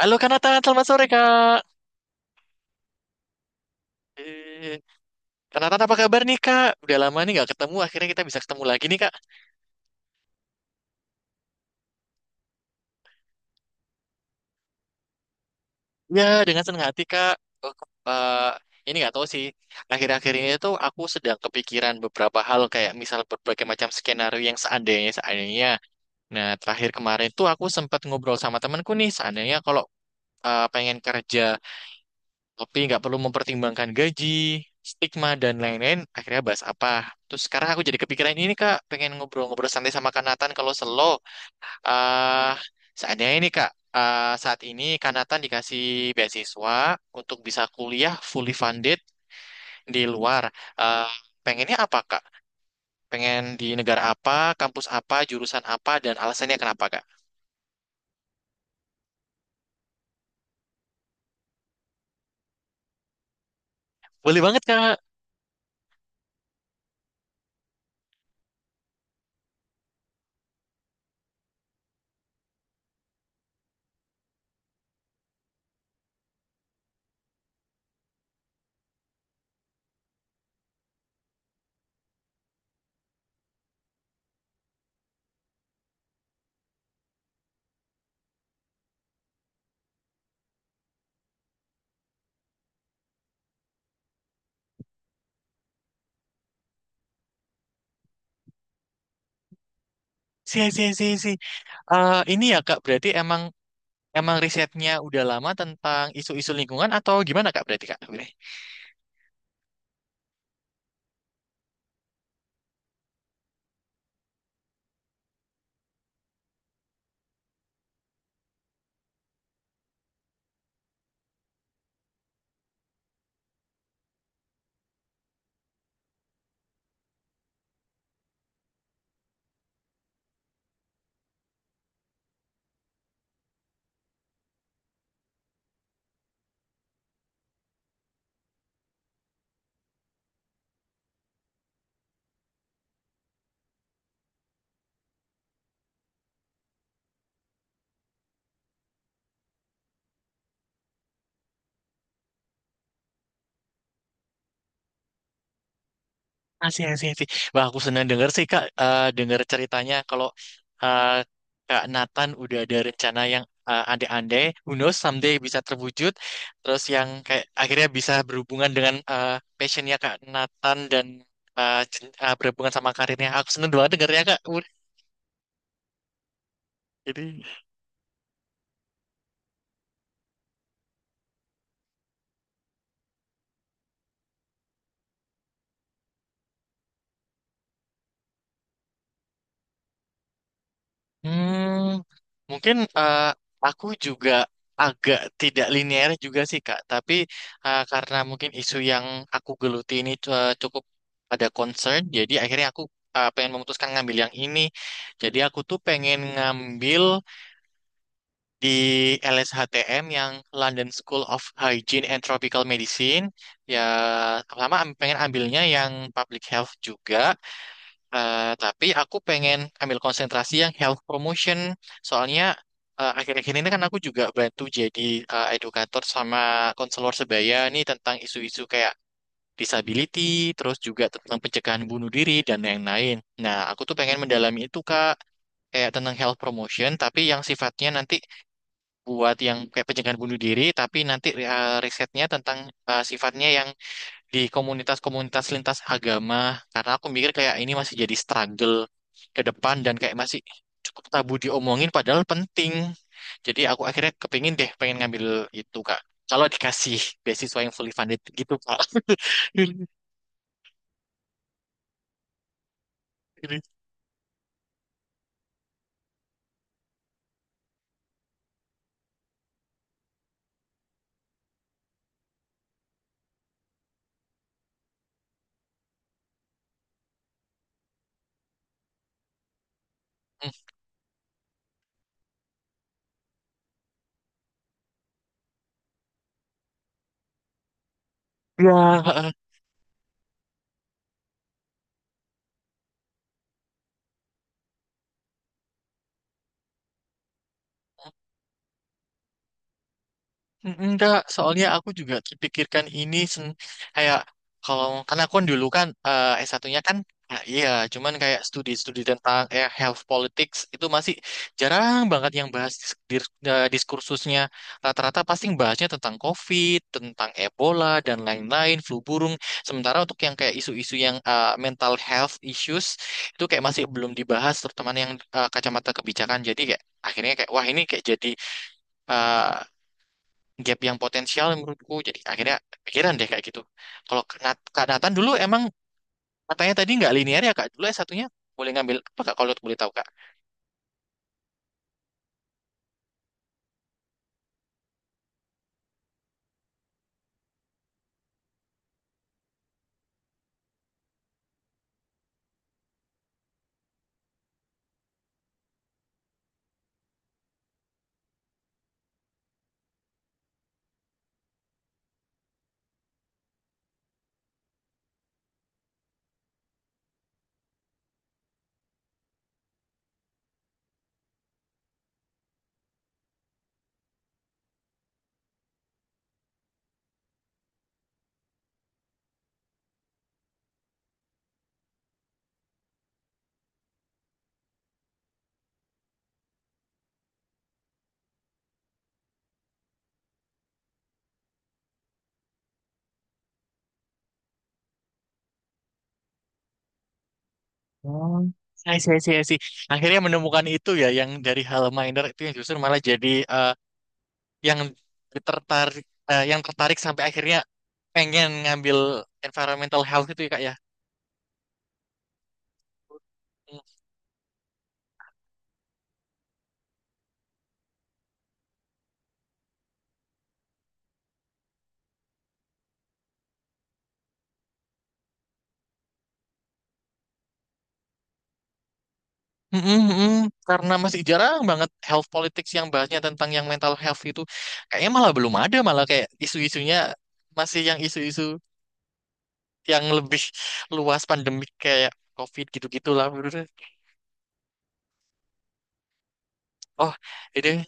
Halo Kanatan, selamat sore Kak. Eh, Kanatan apa kabar nih Kak? Udah lama nih nggak ketemu, akhirnya kita bisa ketemu lagi nih Kak. Ya, dengan senang hati Kak. Oh, ke- eh, ini nggak tahu sih, akhir-akhir ini tuh aku sedang kepikiran beberapa hal kayak misal berbagai macam skenario yang seandainya. Nah, terakhir kemarin tuh aku sempat ngobrol sama temanku nih, seandainya kalau pengen kerja tapi nggak perlu mempertimbangkan gaji, stigma dan lain-lain. Akhirnya bahas apa? Terus sekarang aku jadi kepikiran ini Kak, pengen ngobrol-ngobrol santai sama Kanatan kalau selo. ah Seandainya ini Kak, saat ini Kanatan dikasih beasiswa untuk bisa kuliah fully funded di luar. Ah, pengennya apa Kak? Pengen di negara apa, kampus apa, jurusan apa, dan alasannya kenapa Kak? Boleh banget Kak. Si, si, si, si. Ini ya Kak, berarti emang Emang risetnya udah lama tentang isu-isu lingkungan atau gimana Kak berarti Kak? Asih, asih, asih. Wah, aku senang denger sih Kak, denger ceritanya kalau eh, Kak Nathan udah ada rencana yang andai-andai, who knows, someday bisa terwujud, terus yang kayak akhirnya bisa berhubungan dengan passionnya Kak Nathan dan berhubungan sama karirnya. Aku senang banget dengernya Kak. Jadi Hmm, mungkin eh, aku juga agak tidak linear juga sih Kak, tapi karena mungkin isu yang aku geluti ini cukup ada concern, jadi akhirnya aku pengen memutuskan ngambil yang ini. Jadi aku tuh pengen ngambil di LSHTM yang London School of Hygiene and Tropical Medicine. Ya, pengen ambilnya yang public health juga. Tapi aku pengen ambil konsentrasi yang health promotion. Soalnya akhir-akhir ini kan aku juga bantu jadi edukator sama konselor sebaya nih tentang isu-isu kayak disability, terus juga tentang pencegahan bunuh diri dan yang lain. Nah, aku tuh pengen mendalami itu Kak, kayak tentang health promotion, tapi yang sifatnya nanti buat yang kayak pencegahan bunuh diri, tapi nanti risetnya tentang sifatnya yang di komunitas-komunitas lintas agama karena aku mikir kayak ini masih jadi struggle ke depan dan kayak masih cukup tabu diomongin padahal penting. Jadi aku akhirnya kepingin deh pengen ngambil itu Kak. Kalau dikasih beasiswa yang fully funded gitu Kak. Ya, Mm, enggak, soalnya aku juga pikirkan ini sen- kayak karena aku kan dulu kan s 1 kan iya, cuman kayak studi-studi tentang health politics itu masih jarang banget yang bahas diskursusnya. Rata-rata pasti bahasnya tentang COVID, tentang Ebola dan lain-lain, flu burung. Sementara untuk yang kayak isu-isu yang mental health issues itu kayak masih belum dibahas, terutama yang kacamata kebijakan. Jadi kayak akhirnya kayak wah ini kayak jadi eh, gap yang potensial menurutku. Jadi akhirnya pikiran deh kayak gitu. Kalau Kak Nathan dulu emang katanya tadi nggak linear ya Kak? Dulu s satunya boleh ngambil apa Kak kalau boleh tahu Kak? Oh, I see, I see, I see. Akhirnya menemukan itu ya yang dari hal minor itu yang justru malah jadi eh, yang tertarik sampai akhirnya pengen ngambil environmental health itu ya Kak ya. Mm-mm, mm-mm. Karena masih jarang banget health politics yang bahasnya tentang yang mental health itu. Kayaknya malah belum ada, malah kayak isu-isunya masih yang isu-isu yang lebih luas pandemik kayak COVID gitu-gitu lah menurut saya. Oh, ini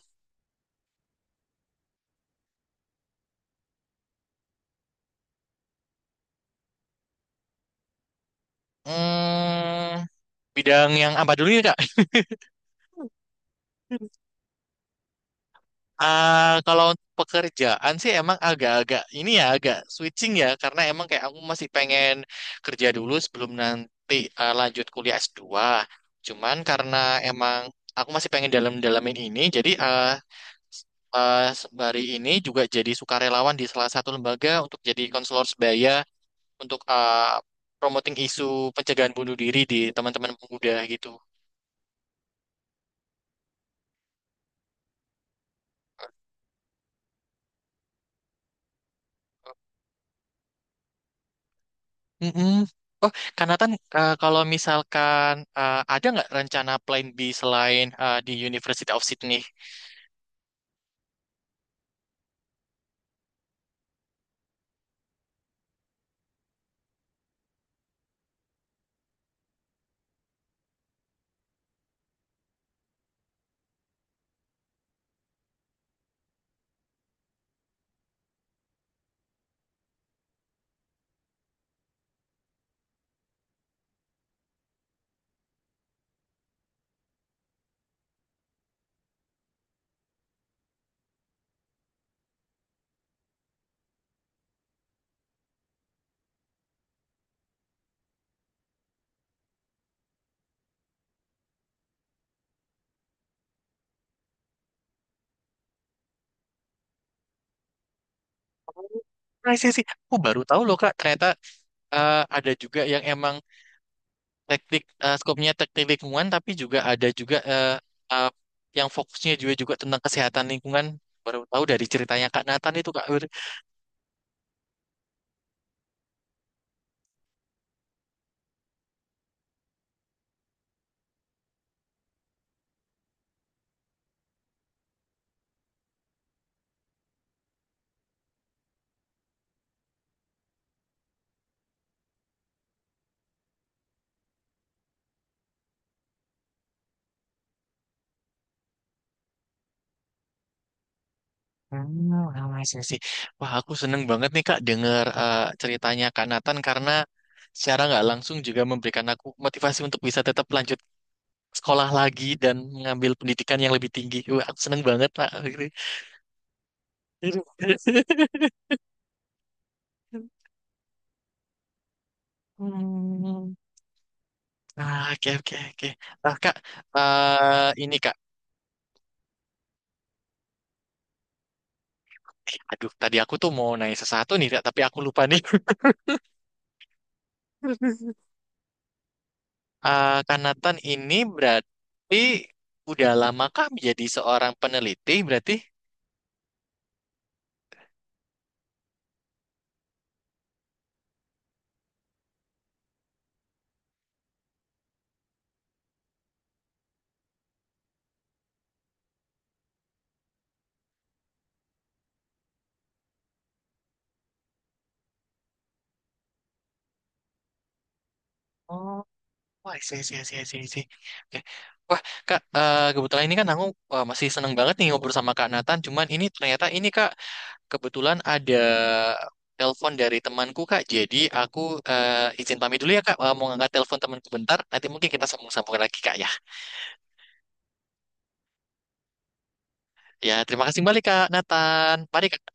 hmm, bidang yang apa dulu ya, Kak? Ah, kalau untuk pekerjaan sih emang agak-agak ini ya agak switching ya karena emang kayak aku masih pengen kerja dulu sebelum nanti lanjut kuliah S2. Cuman karena emang aku masih pengen dalam-dalamin ini jadi eh hari ini juga jadi sukarelawan di salah satu lembaga untuk jadi konselor sebaya untuk promoting isu pencegahan bunuh diri di teman-teman pemuda gitu. Mm-mm. Oh, Kanatan. Kalau misalkan ada nggak rencana plan B selain di University of Sydney? Oh, I see, I see. Aku baru tahu loh Kak, ternyata ada juga yang emang teknik skopnya teknik lingkungan, tapi juga ada juga eh, yang fokusnya juga juga tentang kesehatan lingkungan. Baru tahu dari ceritanya Kak Nathan itu Kak. Hmm, ramai sesi. Wah, aku seneng banget nih Kak denger ceritanya Kak Nathan karena secara nggak langsung juga memberikan aku motivasi untuk bisa tetap lanjut sekolah lagi dan mengambil pendidikan yang lebih tinggi. Wah, aku seneng banget Kak. Hmm. Oke, oke, oke. Nah, Kak, ini Kak. Aduh, tadi aku tuh mau nanya sesuatu nih, Kak, tapi aku lupa nih. Eh, Kak Nathan ini berarti udah lama kak menjadi seorang peneliti berarti? Oh, wah, sih, sih, sih, sih, sih. Oke. Wah, Kak, kebetulan ini kan aku masih seneng banget nih ngobrol sama Kak Nathan. Cuman ini ternyata ini Kak, kebetulan ada telepon dari temanku Kak. Jadi aku izin pamit dulu ya Kak. Eh, mau ngangkat telepon temanku bentar. Nanti mungkin kita sambung-sambung lagi Kak ya. Ya, terima kasih kembali Kak Nathan. Mari Kak.